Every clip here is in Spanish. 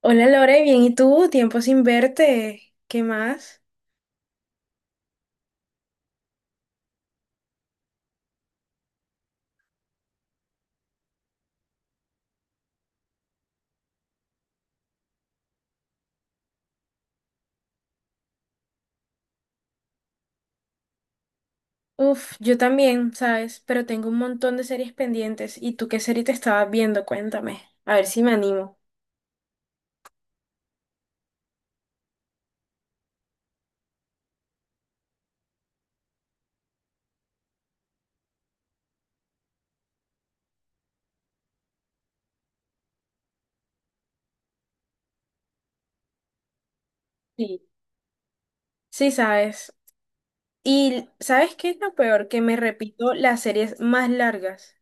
Hola Lore, bien, ¿y tú? Tiempo sin verte. ¿Qué más? Uf, yo también, ¿sabes? Pero tengo un montón de series pendientes. ¿Y tú qué serie te estabas viendo? Cuéntame. A ver si me animo. Sí. Sí, ¿sabes? ¿Y sabes qué es lo peor? Que me repito las series más largas.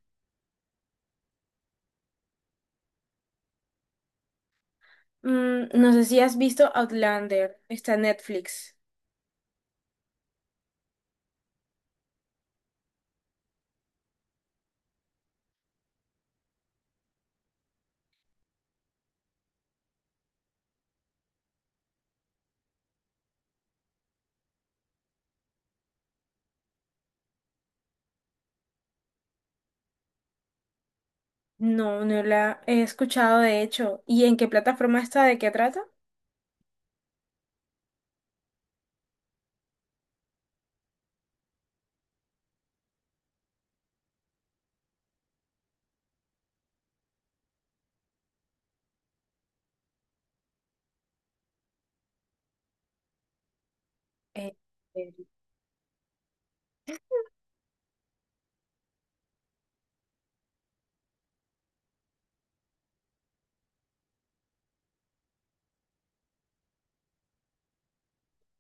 Mm, no sé si has visto Outlander. Está en Netflix. No, no la he escuchado, de hecho. ¿Y en qué plataforma está? ¿De qué trata? Eh, eh,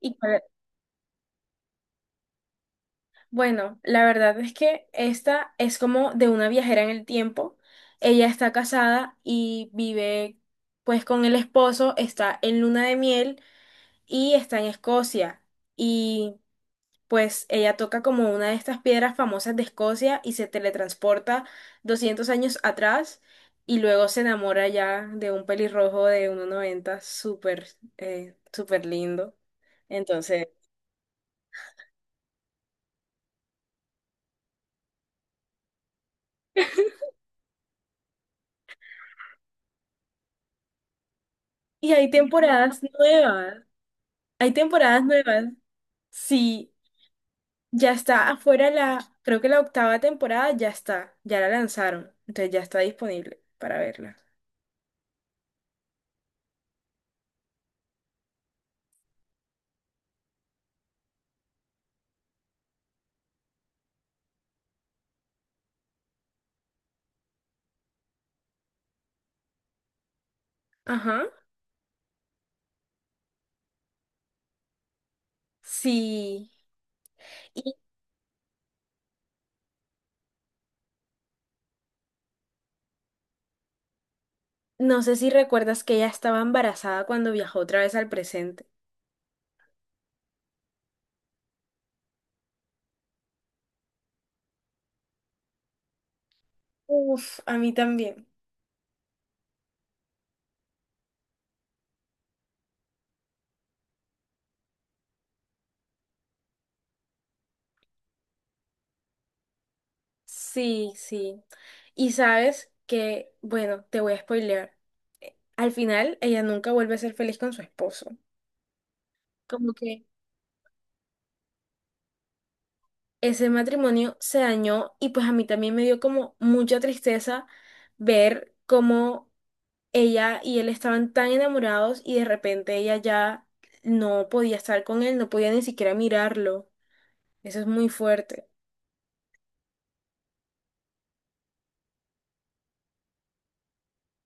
sí. Bueno, la verdad es que esta es como de una viajera en el tiempo. Ella está casada y vive pues con el esposo, está en luna de miel y está en Escocia. Y pues ella toca como una de estas piedras famosas de Escocia y se teletransporta 200 años atrás y luego se enamora ya de un pelirrojo de 1,90 súper, súper lindo. Entonces, y hay temporadas nuevas, hay temporadas nuevas. Sí, ya está afuera la, creo que la octava temporada ya está, ya la lanzaron, entonces ya está disponible para verla. Ajá, sí. Y no sé si recuerdas que ella estaba embarazada cuando viajó otra vez al presente. Uf, a mí también. Sí, sí. Y sabes que, bueno, te voy a spoilear. Al final, ella nunca vuelve a ser feliz con su esposo. Como que ese matrimonio se dañó y pues a mí también me dio como mucha tristeza ver cómo ella y él estaban tan enamorados y de repente ella ya no podía estar con él, no podía ni siquiera mirarlo. Eso es muy fuerte.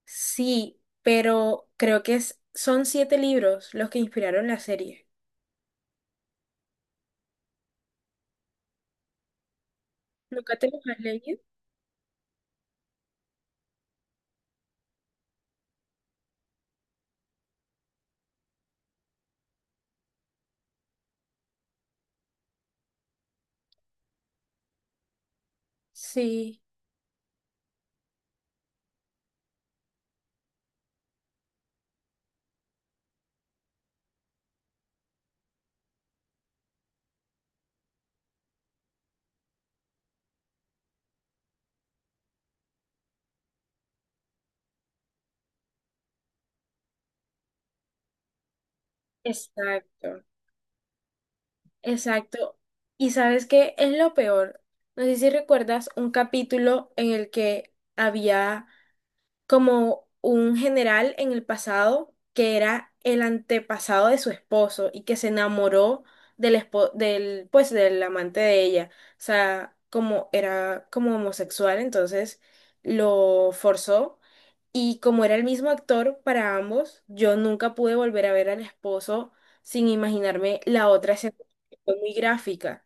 Sí, pero creo que son siete libros los que inspiraron la serie. ¿Nunca te los has leído? Sí, exacto. Exacto. Y sabes qué es lo peor. No sé si recuerdas un capítulo en el que había como un general en el pasado que era el antepasado de su esposo y que se enamoró del pues del amante de ella. O sea, como era como homosexual, entonces lo forzó y como era el mismo actor para ambos, yo nunca pude volver a ver al esposo sin imaginarme la otra escena que fue muy gráfica.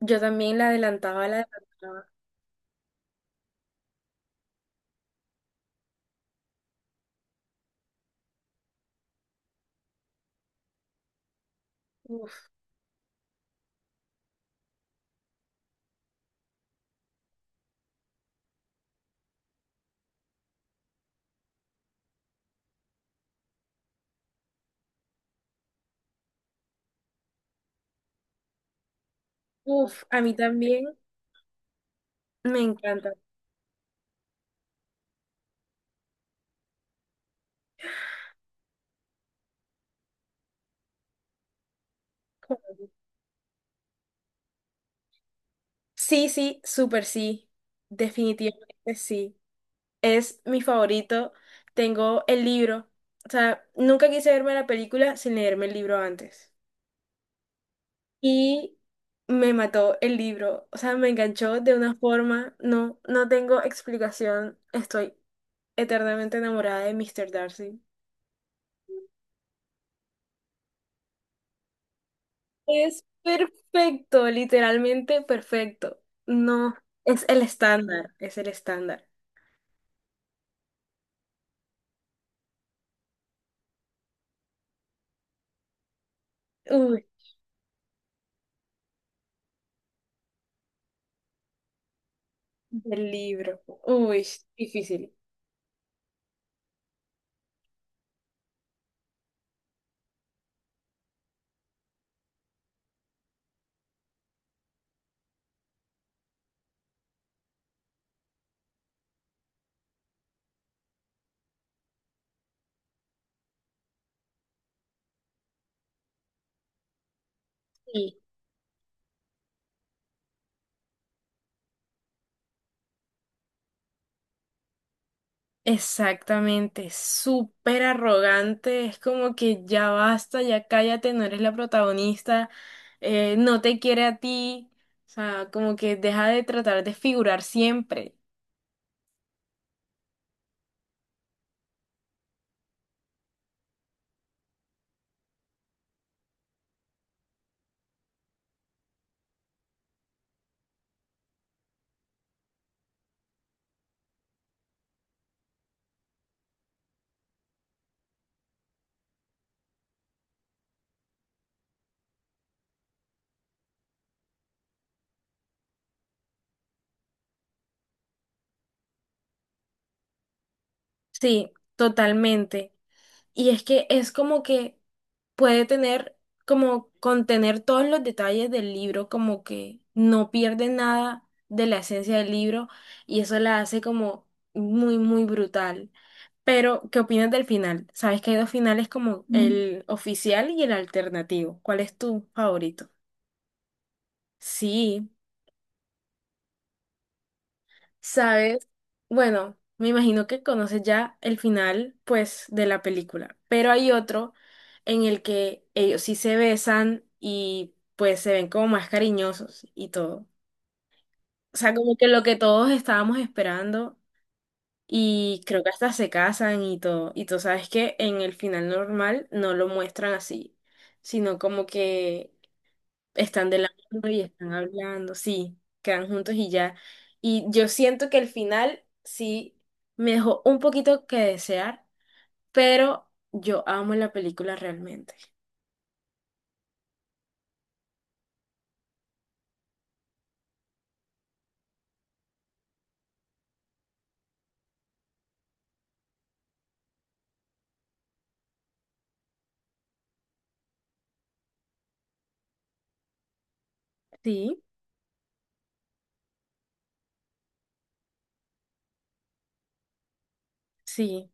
Yo también la adelantaba, la adelantaba. Uf, uf, a mí también me encanta. Sí, sí, súper sí. Definitivamente sí. Es mi favorito. Tengo el libro. O sea, nunca quise verme la película sin leerme el libro antes. Y me mató el libro. O sea, me enganchó de una forma. No, no tengo explicación. Estoy eternamente enamorada de Mr. Darcy. Es perfecto, literalmente perfecto. No, es el estándar, es el estándar. Uy, del libro. Uy, difícil. Sí, exactamente, súper arrogante, es como que ya basta, ya cállate, no eres la protagonista, no te quiere a ti, o sea, como que deja de tratar de figurar siempre. Sí, totalmente. Y es que es como que puede tener, como contener todos los detalles del libro, como que no pierde nada de la esencia del libro y eso la hace como muy, muy brutal. Pero, ¿qué opinas del final? Sabes que hay dos finales como Mm. el oficial y el alternativo. ¿Cuál es tu favorito? Sí, sabes. Bueno, me imagino que conoces ya el final, pues, de la película. Pero hay otro en el que ellos sí se besan y pues se ven como más cariñosos y todo. O sea, como que lo que todos estábamos esperando. Y creo que hasta se casan y todo. Y tú sabes que en el final normal no lo muestran así, sino como que están de la mano y están hablando, sí, quedan juntos y ya. Y yo siento que el final sí me dejó un poquito que desear, pero yo amo la película realmente. Sí, sí,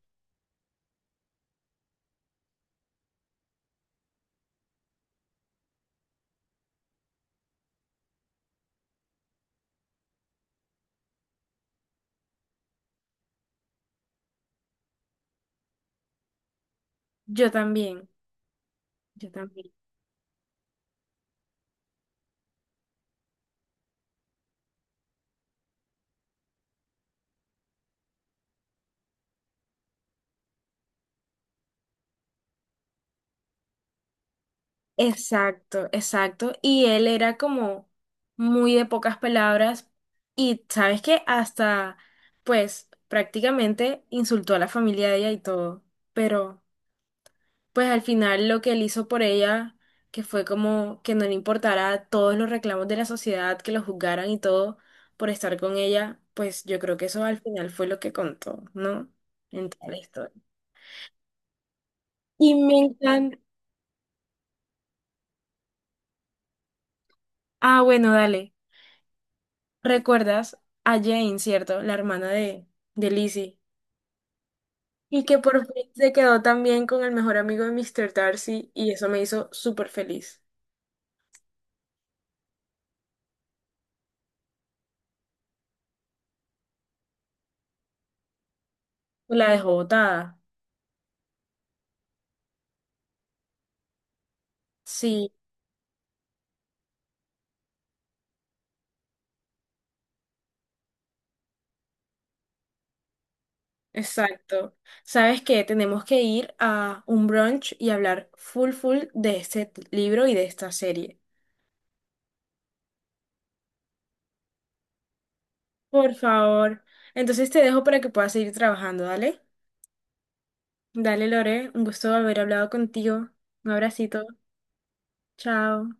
yo también, yo también. Exacto, exacto. Y él era como muy de pocas palabras y sabes que hasta, pues prácticamente insultó a la familia de ella y todo. Pero pues al final lo que él hizo por ella, que fue como que no le importara todos los reclamos de la sociedad, que lo juzgaran y todo por estar con ella, pues yo creo que eso al final fue lo que contó, ¿no? En toda la historia. Y me encanta. Ah, bueno, dale. ¿Recuerdas a Jane, cierto? La hermana de Lizzie. Y que por fin se quedó también con el mejor amigo de Mr. Darcy y eso me hizo súper feliz. La dejó botada. Sí, exacto. ¿Sabes qué? Tenemos que ir a un brunch y hablar full full de libro y de esta serie. Por favor. Entonces te dejo para que puedas seguir trabajando, ¿dale? Dale, Lore. Un gusto haber hablado contigo. Un abracito. Chao.